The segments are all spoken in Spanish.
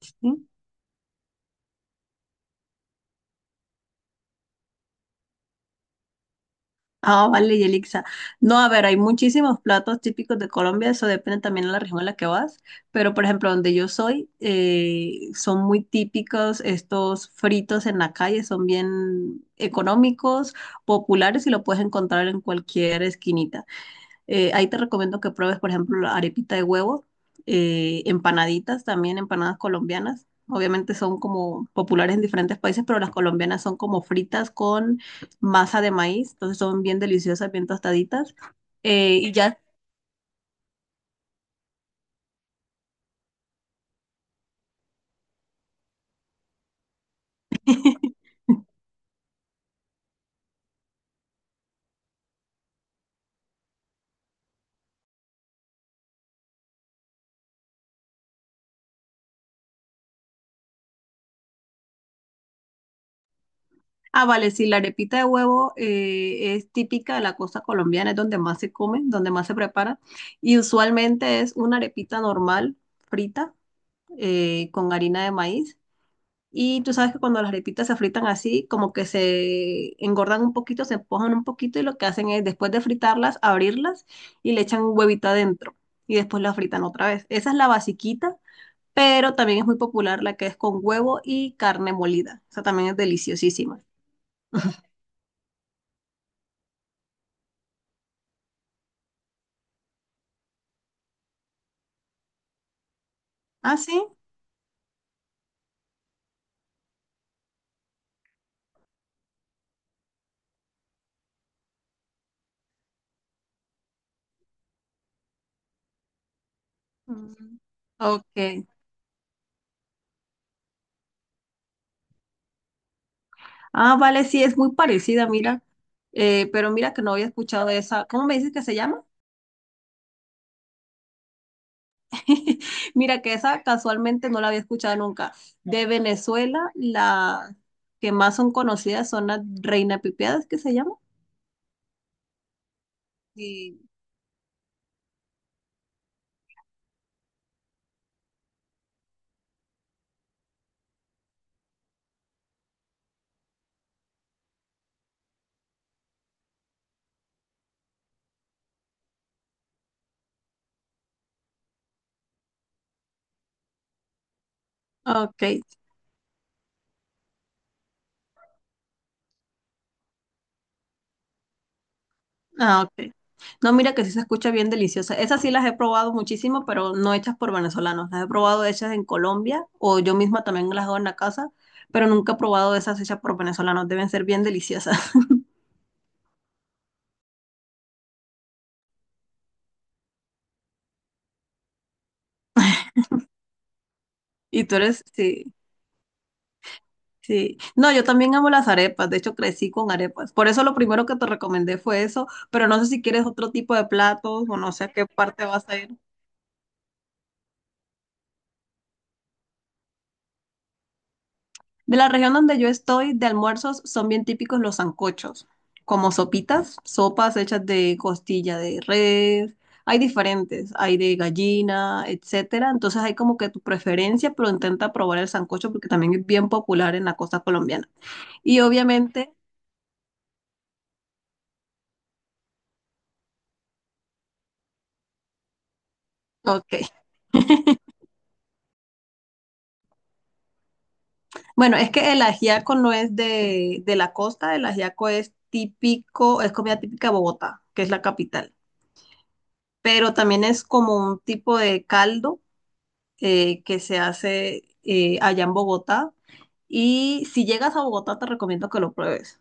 Sí. Ah, vale, Yelixa. No, a ver, hay muchísimos platos típicos de Colombia, eso depende también de la región en la que vas, pero por ejemplo, donde yo soy, son muy típicos estos fritos en la calle, son bien económicos, populares y lo puedes encontrar en cualquier esquinita. Ahí te recomiendo que pruebes, por ejemplo, la arepita de huevo, empanaditas también, empanadas colombianas. Obviamente son como populares en diferentes países, pero las colombianas son como fritas con masa de maíz, entonces son bien deliciosas, bien tostaditas. Y ya, ah, vale, sí, la arepita de huevo es típica de la costa colombiana, es donde más se come, donde más se prepara. Y usualmente es una arepita normal, frita, con harina de maíz. Y tú sabes que cuando las arepitas se fritan así, como que se engordan un poquito, se empujan un poquito y lo que hacen es después de fritarlas, abrirlas y le echan un huevito adentro y después las fritan otra vez. Esa es la basiquita, pero también es muy popular la que es con huevo y carne molida. Esa también es deliciosísima. ¿Ah, sí? Mm. Ok. Ah, vale, sí, es muy parecida, mira. Pero mira que no había escuchado de esa. ¿Cómo me dices que se llama? Mira que esa casualmente no la había escuchado nunca. De Venezuela, las que más son conocidas son las Reina Pipiadas, que se llama. Sí. Ok, ah, ok. No, mira que sí se escucha bien deliciosa. Esas sí las he probado muchísimo, pero no hechas por venezolanos. Las he probado hechas en Colombia o yo misma también las hago en la casa, pero nunca he probado esas hechas por venezolanos. Deben ser bien deliciosas. Y tú eres, sí. Sí, no, yo también amo las arepas, de hecho crecí con arepas, por eso lo primero que te recomendé fue eso, pero no sé si quieres otro tipo de platos o no sé a qué parte vas a ir. De la región donde yo estoy, de almuerzos son bien típicos los sancochos, como sopitas, sopas hechas de costilla de res, hay diferentes, hay de gallina, etcétera, entonces hay como que tu preferencia, pero intenta probar el sancocho porque también es bien popular en la costa colombiana. Y obviamente, ok. Bueno, es que el ajiaco no es de la costa, el ajiaco es típico, es comida típica de Bogotá, que es la capital, pero también es como un tipo de caldo que se hace allá en Bogotá. Y si llegas a Bogotá, te recomiendo que lo pruebes,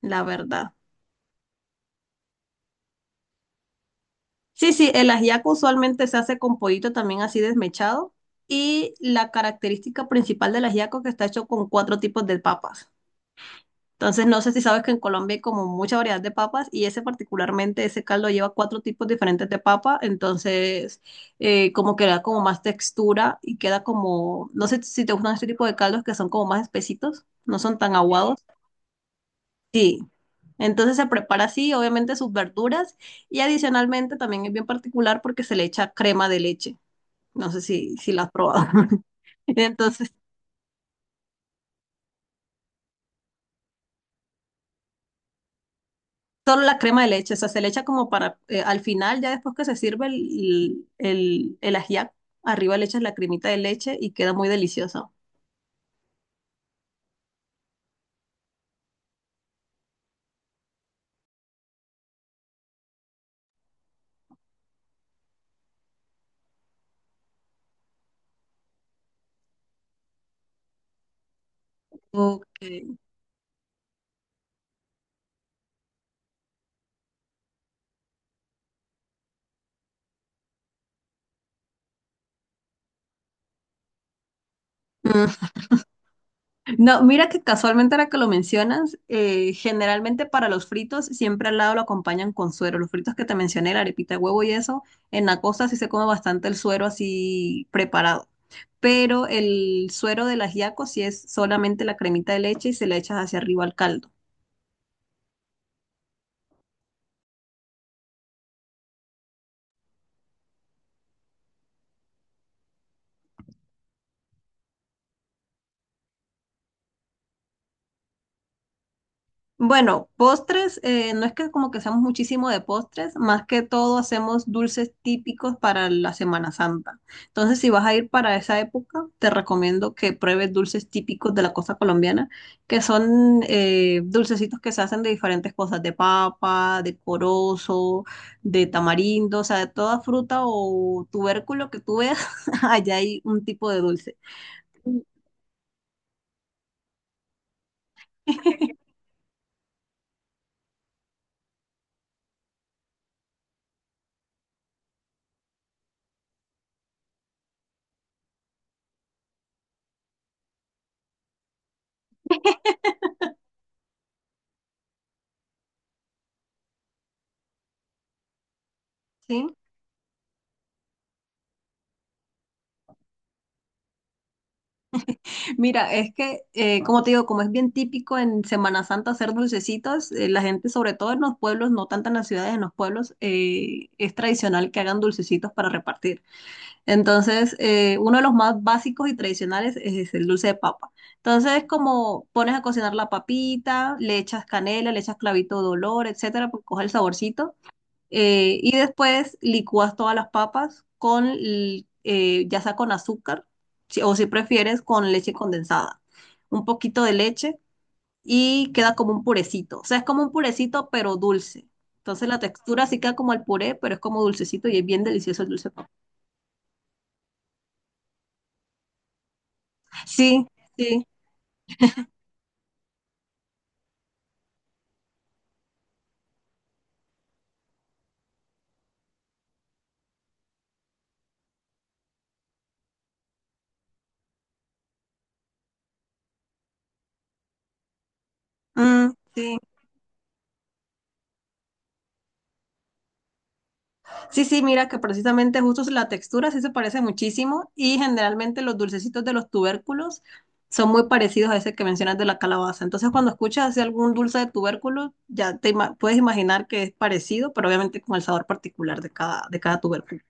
la verdad. Sí, sí, el ajiaco usualmente se hace con pollito también así desmechado. Y la característica principal del ajiaco es que está hecho con cuatro tipos de papas. Entonces, no sé si sabes que en Colombia hay como mucha variedad de papas y ese particularmente, ese caldo lleva cuatro tipos diferentes de papa, entonces como que da como más textura y queda como, no sé si te gustan este tipo de caldos que son como más espesitos, no son tan Sí. aguados. Sí. Entonces se prepara así, obviamente sus verduras y adicionalmente también es bien particular porque se le echa crema de leche. No sé si la has probado. Entonces solo la crema de leche, o sea, se le echa como para, al final, ya después que se sirve el ajiaco, arriba le echas la cremita de leche y queda muy delicioso. Ok. Mm. No, mira que casualmente ahora que lo mencionas, generalmente para los fritos siempre al lado lo acompañan con suero. Los fritos que te mencioné, la arepita de huevo y eso, en la costa sí se come bastante el suero así preparado. Pero el suero del ajiaco sí es solamente la cremita de leche y se le echas hacia arriba al caldo. Bueno, postres, no es que como que hacemos muchísimo de postres, más que todo hacemos dulces típicos para la Semana Santa. Entonces, si vas a ir para esa época, te recomiendo que pruebes dulces típicos de la costa colombiana, que son dulcecitos que se hacen de diferentes cosas, de papa, de corozo, de tamarindo, o sea, de toda fruta o tubérculo que tú veas, allá hay un tipo de dulce. ¿Sí? Mira, es como te digo, como es bien típico en Semana Santa hacer dulcecitos, la gente, sobre todo en los pueblos, no tanto en las ciudades, en los pueblos, es tradicional que hagan dulcecitos para repartir. Entonces, uno de los más básicos y tradicionales es el dulce de papa. Entonces, como pones a cocinar la papita, le echas canela, le echas clavito de olor, etcétera, pues coge el saborcito. Y después licúas todas las papas ya sea con azúcar, o si prefieres, con leche condensada. Un poquito de leche y queda como un purecito. O sea, es como un purecito, pero dulce. Entonces la textura sí queda como el puré, pero es como dulcecito y es bien delicioso el dulce de papa. Sí, sí, mm, sí. Sí, sí, mira que precisamente justo la textura sí se parece muchísimo y generalmente los dulcecitos de los tubérculos son muy parecidos a ese que mencionas de la calabaza. Entonces, cuando escuchas así algún dulce de tubérculo, ya te puedes imaginar que es parecido, pero obviamente con el sabor particular de de cada tubérculo.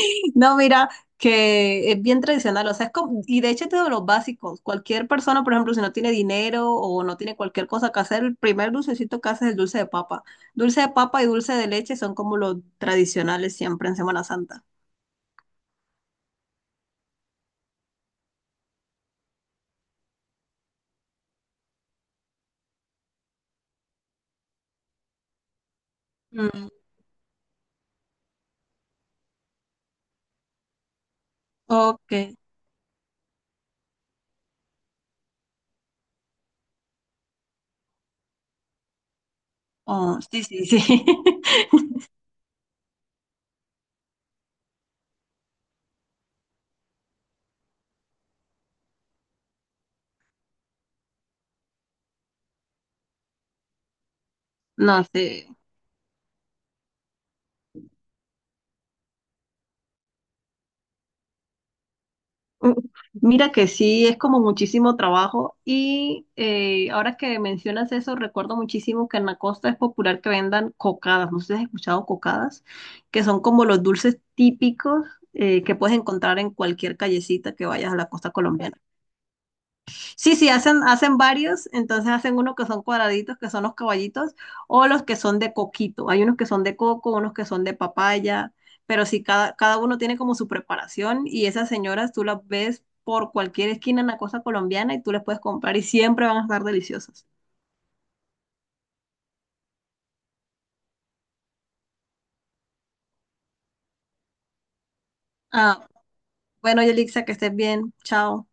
No, mira, que es bien tradicional, o sea, es como, y de hecho es de los básicos. Cualquier persona, por ejemplo, si no tiene dinero o no tiene cualquier cosa que hacer, el primer dulcecito que hace es el dulce de papa. Dulce de papa y dulce de leche son como los tradicionales siempre en Semana Santa. Mm, ok, oh, sí, sí, sí. No sí. Mm. Mira que sí, es como muchísimo trabajo y ahora que mencionas eso, recuerdo muchísimo que en la costa es popular que vendan cocadas, no sé si has escuchado cocadas, que son como los dulces típicos que puedes encontrar en cualquier callecita que vayas a la costa colombiana. Sí, sí, hacen varios, entonces hacen unos que son cuadraditos, que son los caballitos, o los que son de coquito. Hay unos que son de coco, unos que son de papaya, pero sí, cada uno tiene como su preparación y esas señoras tú las ves por cualquier esquina en la costa colombiana y tú les puedes comprar y siempre van a estar deliciosas. Ah, bueno, Yelixa, que estés bien. Chao.